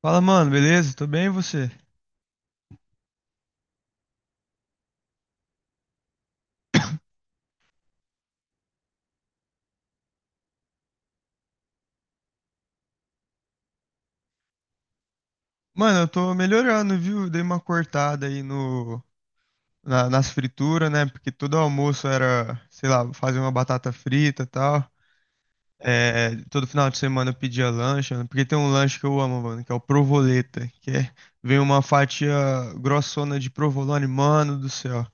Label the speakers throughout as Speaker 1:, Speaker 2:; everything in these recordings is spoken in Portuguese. Speaker 1: Fala, mano, beleza? Tô bem, e você? Mano, eu tô melhorando, viu? Dei uma cortada aí no, na- nas frituras, né? Porque todo almoço era, sei lá, fazer uma batata frita e tal. É, todo final de semana eu pedia lanche, mano, porque tem um lanche que eu amo, mano, que é o provoleta, que é, vem uma fatia grossona de provolone, mano do céu.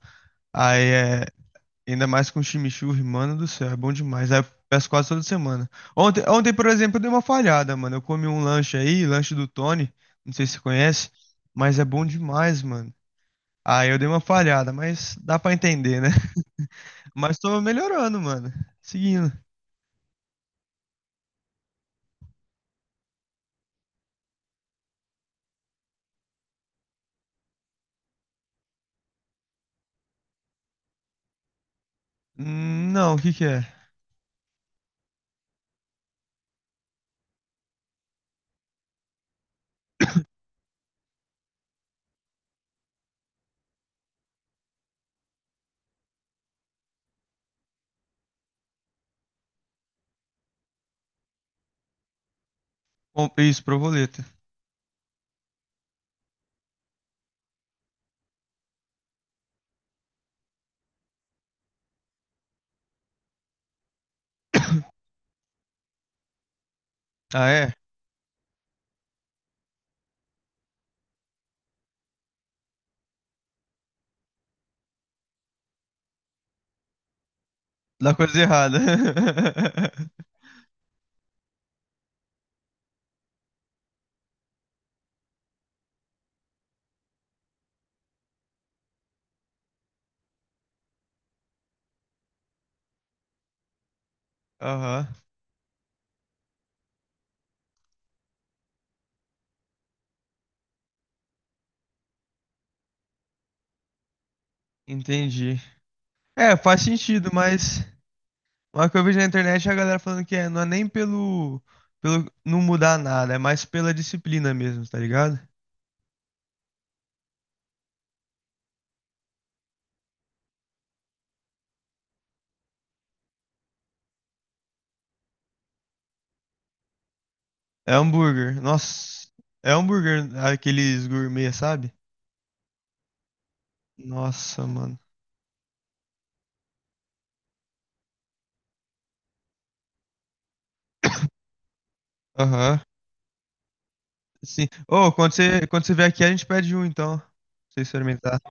Speaker 1: Aí é ainda mais com chimichurri, mano do céu, é bom demais. Aí eu peço quase toda semana. Ontem, por exemplo, eu dei uma falhada, mano. Eu comi um lanche aí, lanche do Tony, não sei se você conhece, mas é bom demais, mano. Aí eu dei uma falhada, mas dá pra entender, né? Mas tô melhorando, mano. Seguindo. Não, o que que é? Bom, isso, provoleta. Ah, é? Dá coisa errada. Aham, entendi. É, faz sentido, mas uma que eu vejo na internet é a galera falando que é, não é nem pelo não mudar nada, é mais pela disciplina mesmo, tá ligado? É hambúrguer. Nossa, é hambúrguer, aqueles gourmet, sabe? Nossa, mano. Aham. Sim. Ô, quando você vier aqui, a gente pede um, então. Pra você experimentar.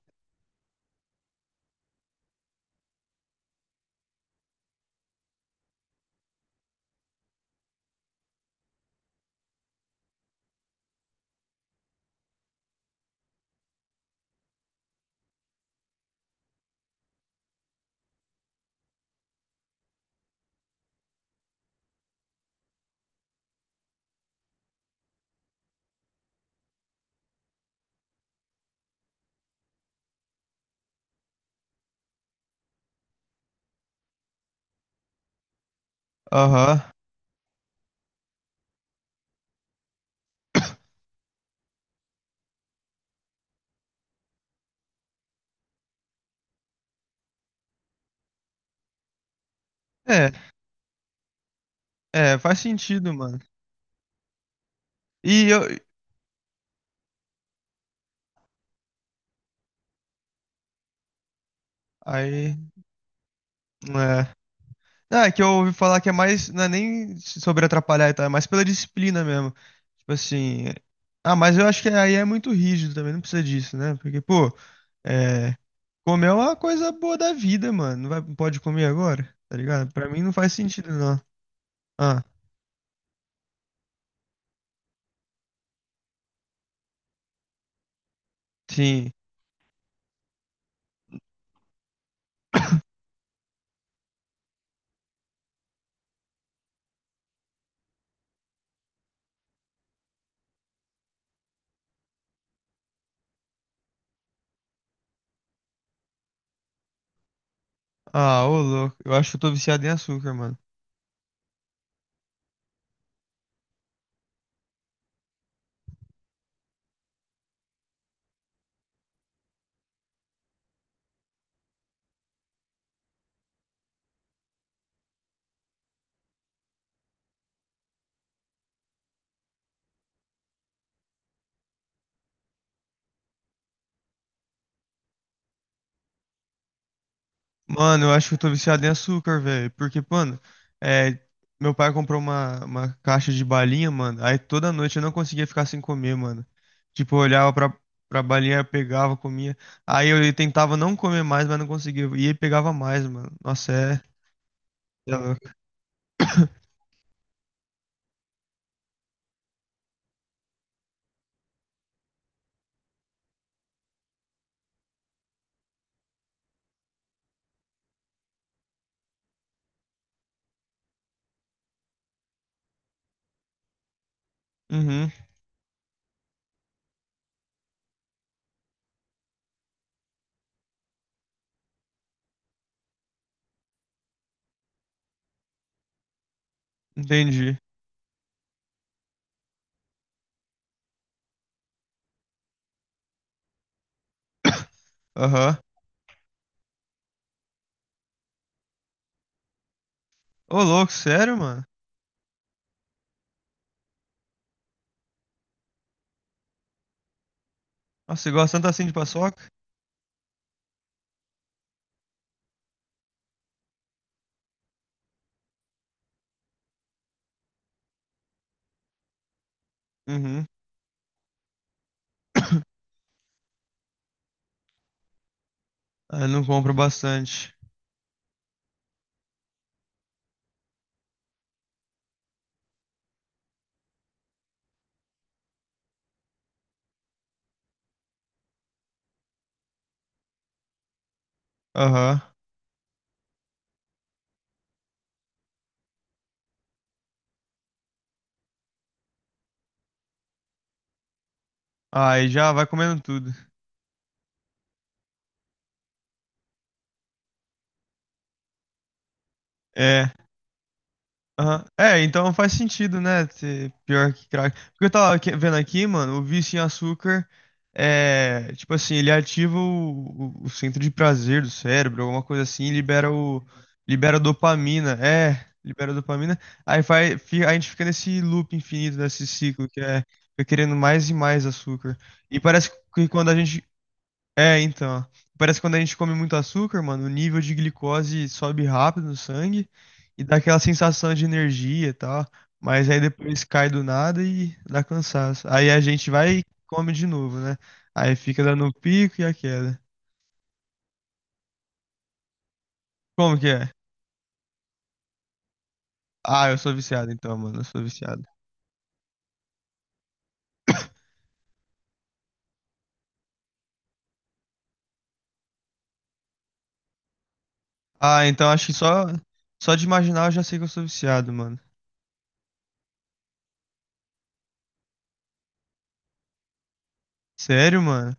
Speaker 1: Aham. É, é, faz sentido, mano. E eu. Aí. É. Ah, é que eu ouvi falar que é mais, não é nem sobre atrapalhar e tal, é mais pela disciplina mesmo. Tipo assim, ah, mas eu acho que aí é muito rígido também, não precisa disso, né? Porque, pô, é, comer é uma coisa boa da vida, mano. Não vai, não pode comer agora, tá ligado? Pra mim não faz sentido, não. Ah, sim. Ah, ô louco, eu acho que eu tô viciado em açúcar, mano. Mano, eu acho que eu tô viciado em açúcar, velho. Porque, mano, é, meu pai comprou uma caixa de balinha, mano. Aí toda noite eu não conseguia ficar sem comer, mano. Tipo, eu olhava pra, pra balinha, eu pegava, comia. Aí eu tentava não comer mais, mas não conseguia. E aí pegava mais, mano. Nossa, é. É louco. Uhum, entendi. Aham. Ô, louco, sério, mano? Nossa, você gosta tanto assim de paçoca? Uhum. Ah, eu não compro bastante. Aham. Aí já vai comendo tudo. É. Aham. É, então faz sentido, né? Ser pior que crack. Porque eu tava aqui- vendo aqui, mano, o vício em açúcar é, tipo assim, ele ativa o centro de prazer do cérebro, alguma coisa assim, e libera o libera dopamina. É, libera dopamina. Aí vai, fi- a gente fica nesse loop infinito, nesse ciclo que é fica querendo mais e mais açúcar. E parece que quando a gente é, então. Parece que quando a gente come muito açúcar, mano, o nível de glicose sobe rápido no sangue e dá aquela sensação de energia e tal. Mas aí depois cai do nada e dá cansaço. Aí a gente vai e come de novo, né? Aí fica dando o pico e a queda. Como que é? Ah, eu sou viciado então, mano. Eu sou viciado. Ah, então acho que só, só de imaginar eu já sei que eu sou viciado, mano. Sério, mano?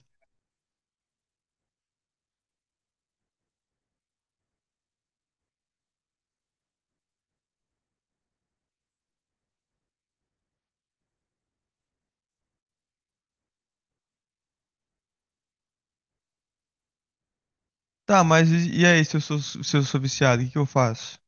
Speaker 1: Tá, mas e aí, se eu sou viciado, o que que eu faço?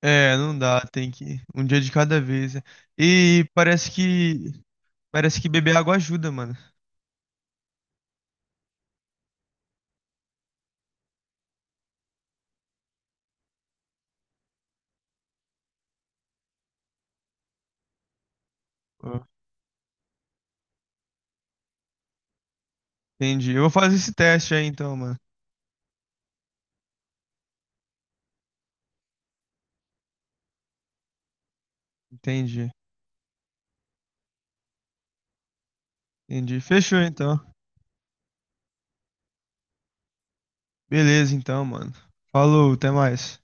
Speaker 1: É, não dá, tem que um dia de cada vez. Né? E parece que beber água ajuda, mano. Ó, entendi. Eu vou fazer esse teste aí então, mano. Entendi. Entendi. Fechou então. Beleza então, mano. Falou, até mais.